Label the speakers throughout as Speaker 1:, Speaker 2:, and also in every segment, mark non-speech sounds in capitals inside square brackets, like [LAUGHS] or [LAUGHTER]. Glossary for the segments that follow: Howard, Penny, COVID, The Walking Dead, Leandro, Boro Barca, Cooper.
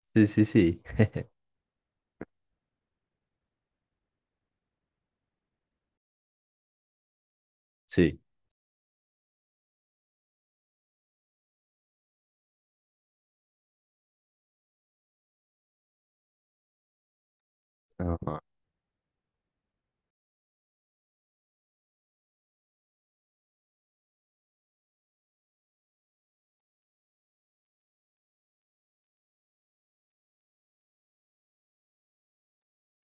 Speaker 1: Sí, sí, sí. Sí. Ajá.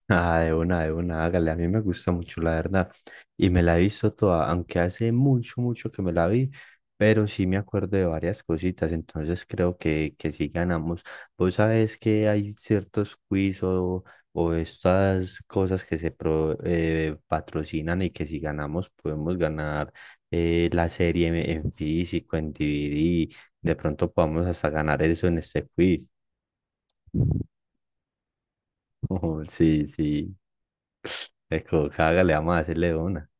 Speaker 1: Ah, de una, hágale. A mí me gusta mucho, la verdad. Y me la he visto toda, aunque hace mucho, mucho que me la vi, pero sí me acuerdo de varias cositas, entonces creo que sí ganamos. Vos sabés que hay ciertos quiz o estas cosas que se pro- patrocinan y que si ganamos podemos ganar la serie en físico, en DVD. De pronto podemos hasta ganar eso en este quiz. [LAUGHS] Oh, sí, sí. Eco, le vamos a hacerle una.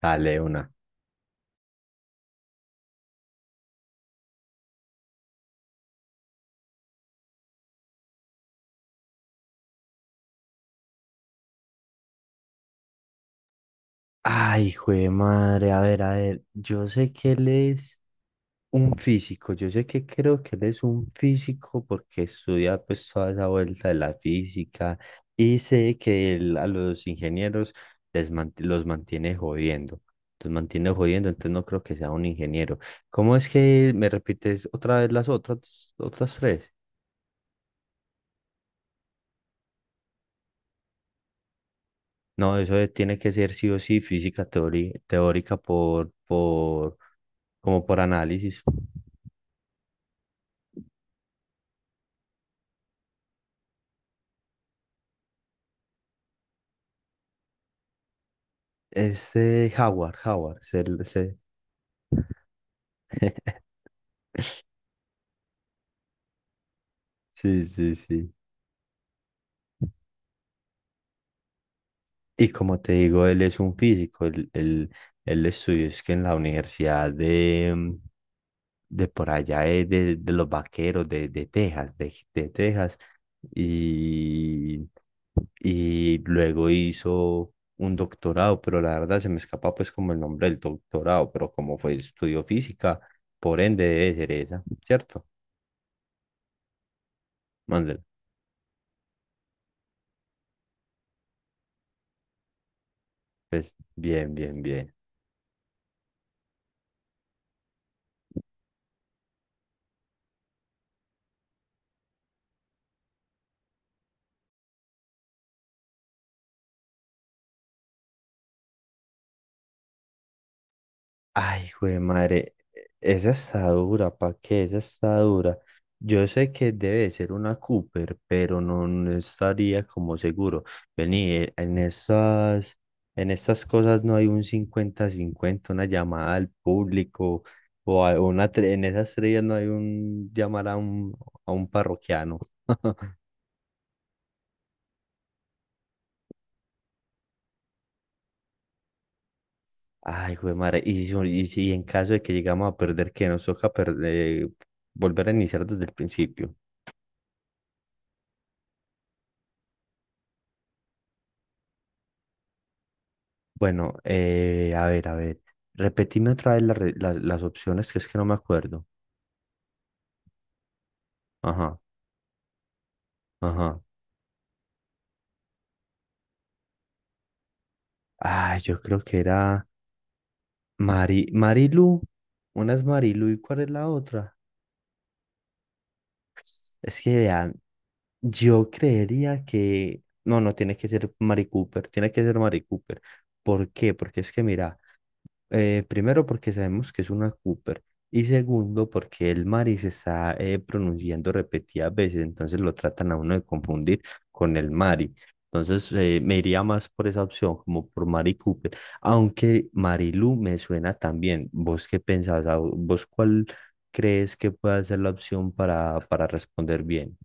Speaker 1: Dale una. Ay, hijo de madre, a ver, yo sé que él es un físico, yo sé que creo que él es un físico porque estudia pues toda esa vuelta de la física y sé que él a los ingenieros les man- los mantiene jodiendo, entonces no creo que sea un ingeniero. ¿Cómo es que me repites otra vez las otras, otras tres? No, eso es- tiene que ser sí o sí física teori- teórica por, como por análisis. Este Howard, Howard, se- se- [LAUGHS] sí, sí, sí. Y como te digo, él es un físico, él estudió es que en la universidad de, de por allá, de los vaqueros de Texas, y, y luego hizo un doctorado, pero la verdad se me escapa pues como el nombre del doctorado, pero como fue estudio física, por ende debe ser esa, ¿cierto? Mándela. Pues bien, bien, bien. Ay, güey, madre, esa está dura, ¿pa' qué? Esa está dura. Yo sé que debe ser una Cooper, pero no, no estaría como seguro. Vení, en estas cosas no hay un cincuenta-cincuenta, una llamada al público, o a- una, tre- en esas estrellas no hay un llamar a un parroquiano. [LAUGHS] Ay, güey, madre, y si en caso de que llegamos a perder, que nos toca perder, eh, volver a iniciar desde el principio. Bueno, a ver, a ver. Repetime otra vez la re- la- las opciones, que es que no me acuerdo. Ajá, ajá. Ah, yo creo que era Mari, Marilu. Una es Marilu y ¿cuál es la otra? Es que vean, yo creería que... No, no tiene que ser Mari Cooper, tiene que ser Mari Cooper. ¿Por qué? Porque es que mira. Primero porque sabemos que es una Cooper y segundo porque el Mari se está pronunciando repetidas veces, entonces lo tratan a uno de confundir con el Mari. Entonces me iría más por esa opción, como por Mari Cooper, aunque Marilu me suena también. ¿Vos qué pensás? Ah, ¿vos cuál crees que pueda ser la opción para responder bien?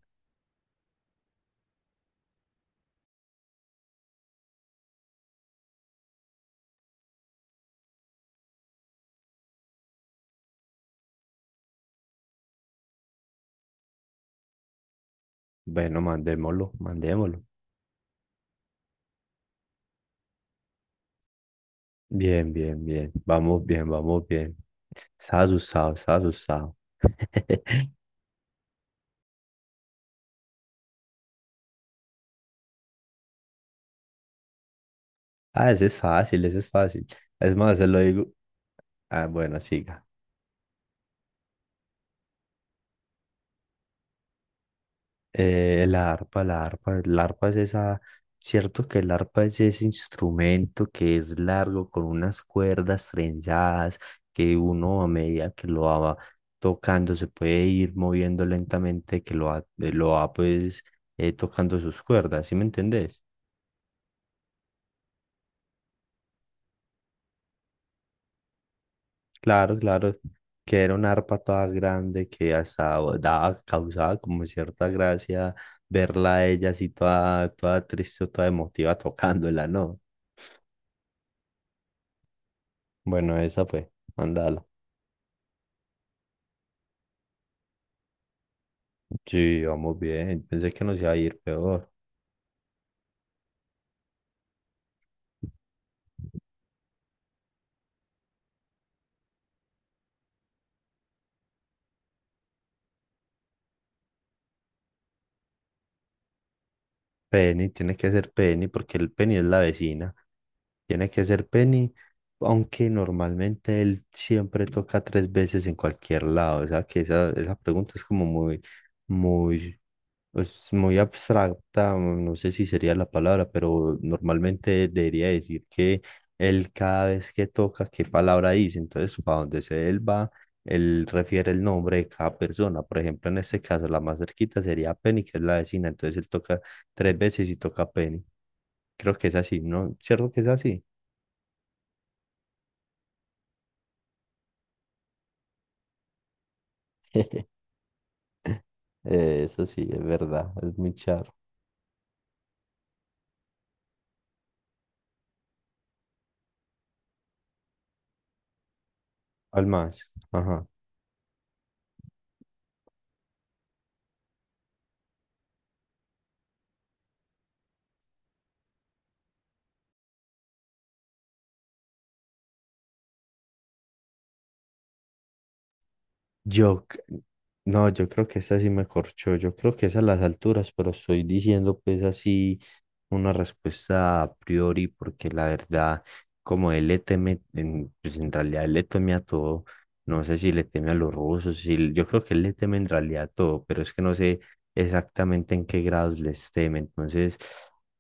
Speaker 1: Bueno, mandémoslo, mandémoslo. Bien, bien, bien. Vamos bien, vamos bien. Estaba asustado, estaba asustado. [LAUGHS] Ah, ese es fácil, ese es fácil. Es más, se lo digo. Ah, bueno, siga. La arpa, la arpa, la arpa es esa. Cierto que el arpa es ese instrumento que es largo, con unas cuerdas trenzadas, que uno a medida que lo va tocando se puede ir moviendo lentamente, que lo va pues tocando sus cuerdas, ¿sí me entendés? Claro, claro, que era una arpa toda grande que hasta daba, causaba como cierta gracia verla a ella así toda, toda triste o toda emotiva tocándola, ¿no? Bueno, esa fue, mandala. Sí, vamos bien, pensé que nos iba a ir peor. Penny, tiene que ser Penny porque el Penny es la vecina, tiene que ser Penny, aunque normalmente él siempre toca tres veces en cualquier lado, o sea que esa pregunta es como muy, muy. Es muy abstracta, o no sé si sería la palabra, pero normalmente debería decir que él cada vez que toca, qué palabra dice. Entonces, para donde se él va, él refiere el nombre de cada persona. Por ejemplo, en este caso, la más cerquita sería Penny, que es la vecina. Entonces, él toca tres veces y toca Penny. Creo que es así, ¿no? ¿Cierto que es así? [LAUGHS] Eso sí, es verdad, es muy charro. Al más, ajá. Yo, c- no, yo creo que esa sí me corchó. Yo creo que es a las alturas, pero estoy diciendo pues así una respuesta a priori, porque la verdad, como él le teme, en, pues en realidad él le teme a todo. No sé si le teme a los rusos, si, yo creo que él le teme en realidad a todo, pero es que no sé exactamente en qué grados les teme. Entonces,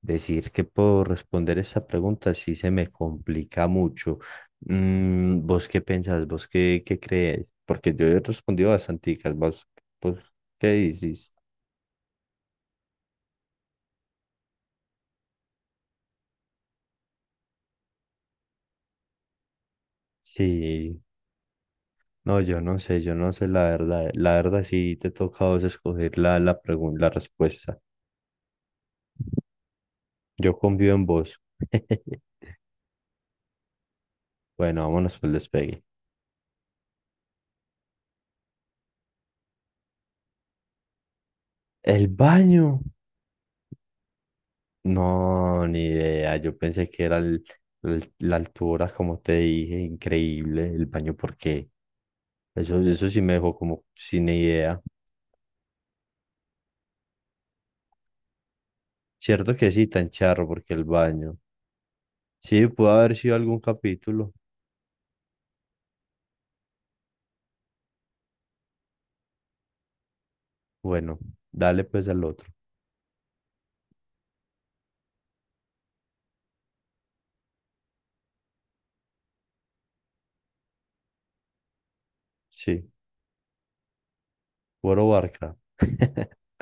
Speaker 1: decir que puedo responder esa pregunta sí se me complica mucho. Mm, ¿vos qué pensás? ¿Vos qué, qué crees? Porque yo he respondido bastante, ¿vos, vos qué dices? Sí, no, yo no sé la verdad. La verdad sí te toca a vos escoger la, la pregun- la respuesta. Yo confío en vos. [LAUGHS] Bueno, vámonos por el despegue. ¿El baño? No, ni idea. Yo pensé que era el- la altura, como te dije, increíble. El baño, porque eso sí me dejó como sin idea. Cierto que sí, tan charro, porque el baño. Sí, pudo haber sido algún capítulo. Bueno, dale pues al otro. Sí, Boro Barca. [LAUGHS]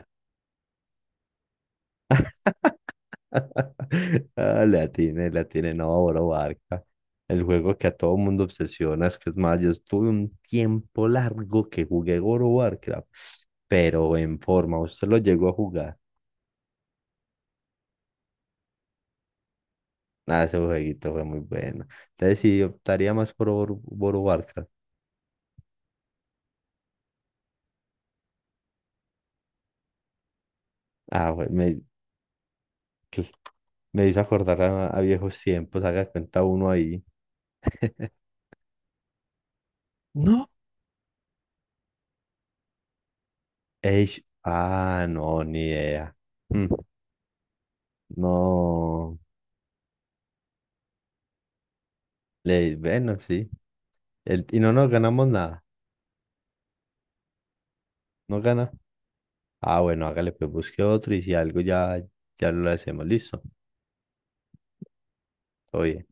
Speaker 1: Ah, la tiene, no, Boro Barca. El juego que a todo mundo obsesiona, es que es más, yo estuve un tiempo largo que jugué Boro Barca, pero en forma, usted lo llegó a jugar. Ah, ese jueguito fue muy bueno. Entonces sí, optaría más por Boro Boro Barca. Ah, bueno, cl- me hizo acordar a viejos tiempos, haga de cuenta uno ahí. No. Eish, ah, no, ni idea. Mm, no, le, bueno, sí. El- y no nos ganamos nada, no gana. Ah, bueno, hágale, pues busque otro y si algo ya, ya lo hacemos, listo. Oye.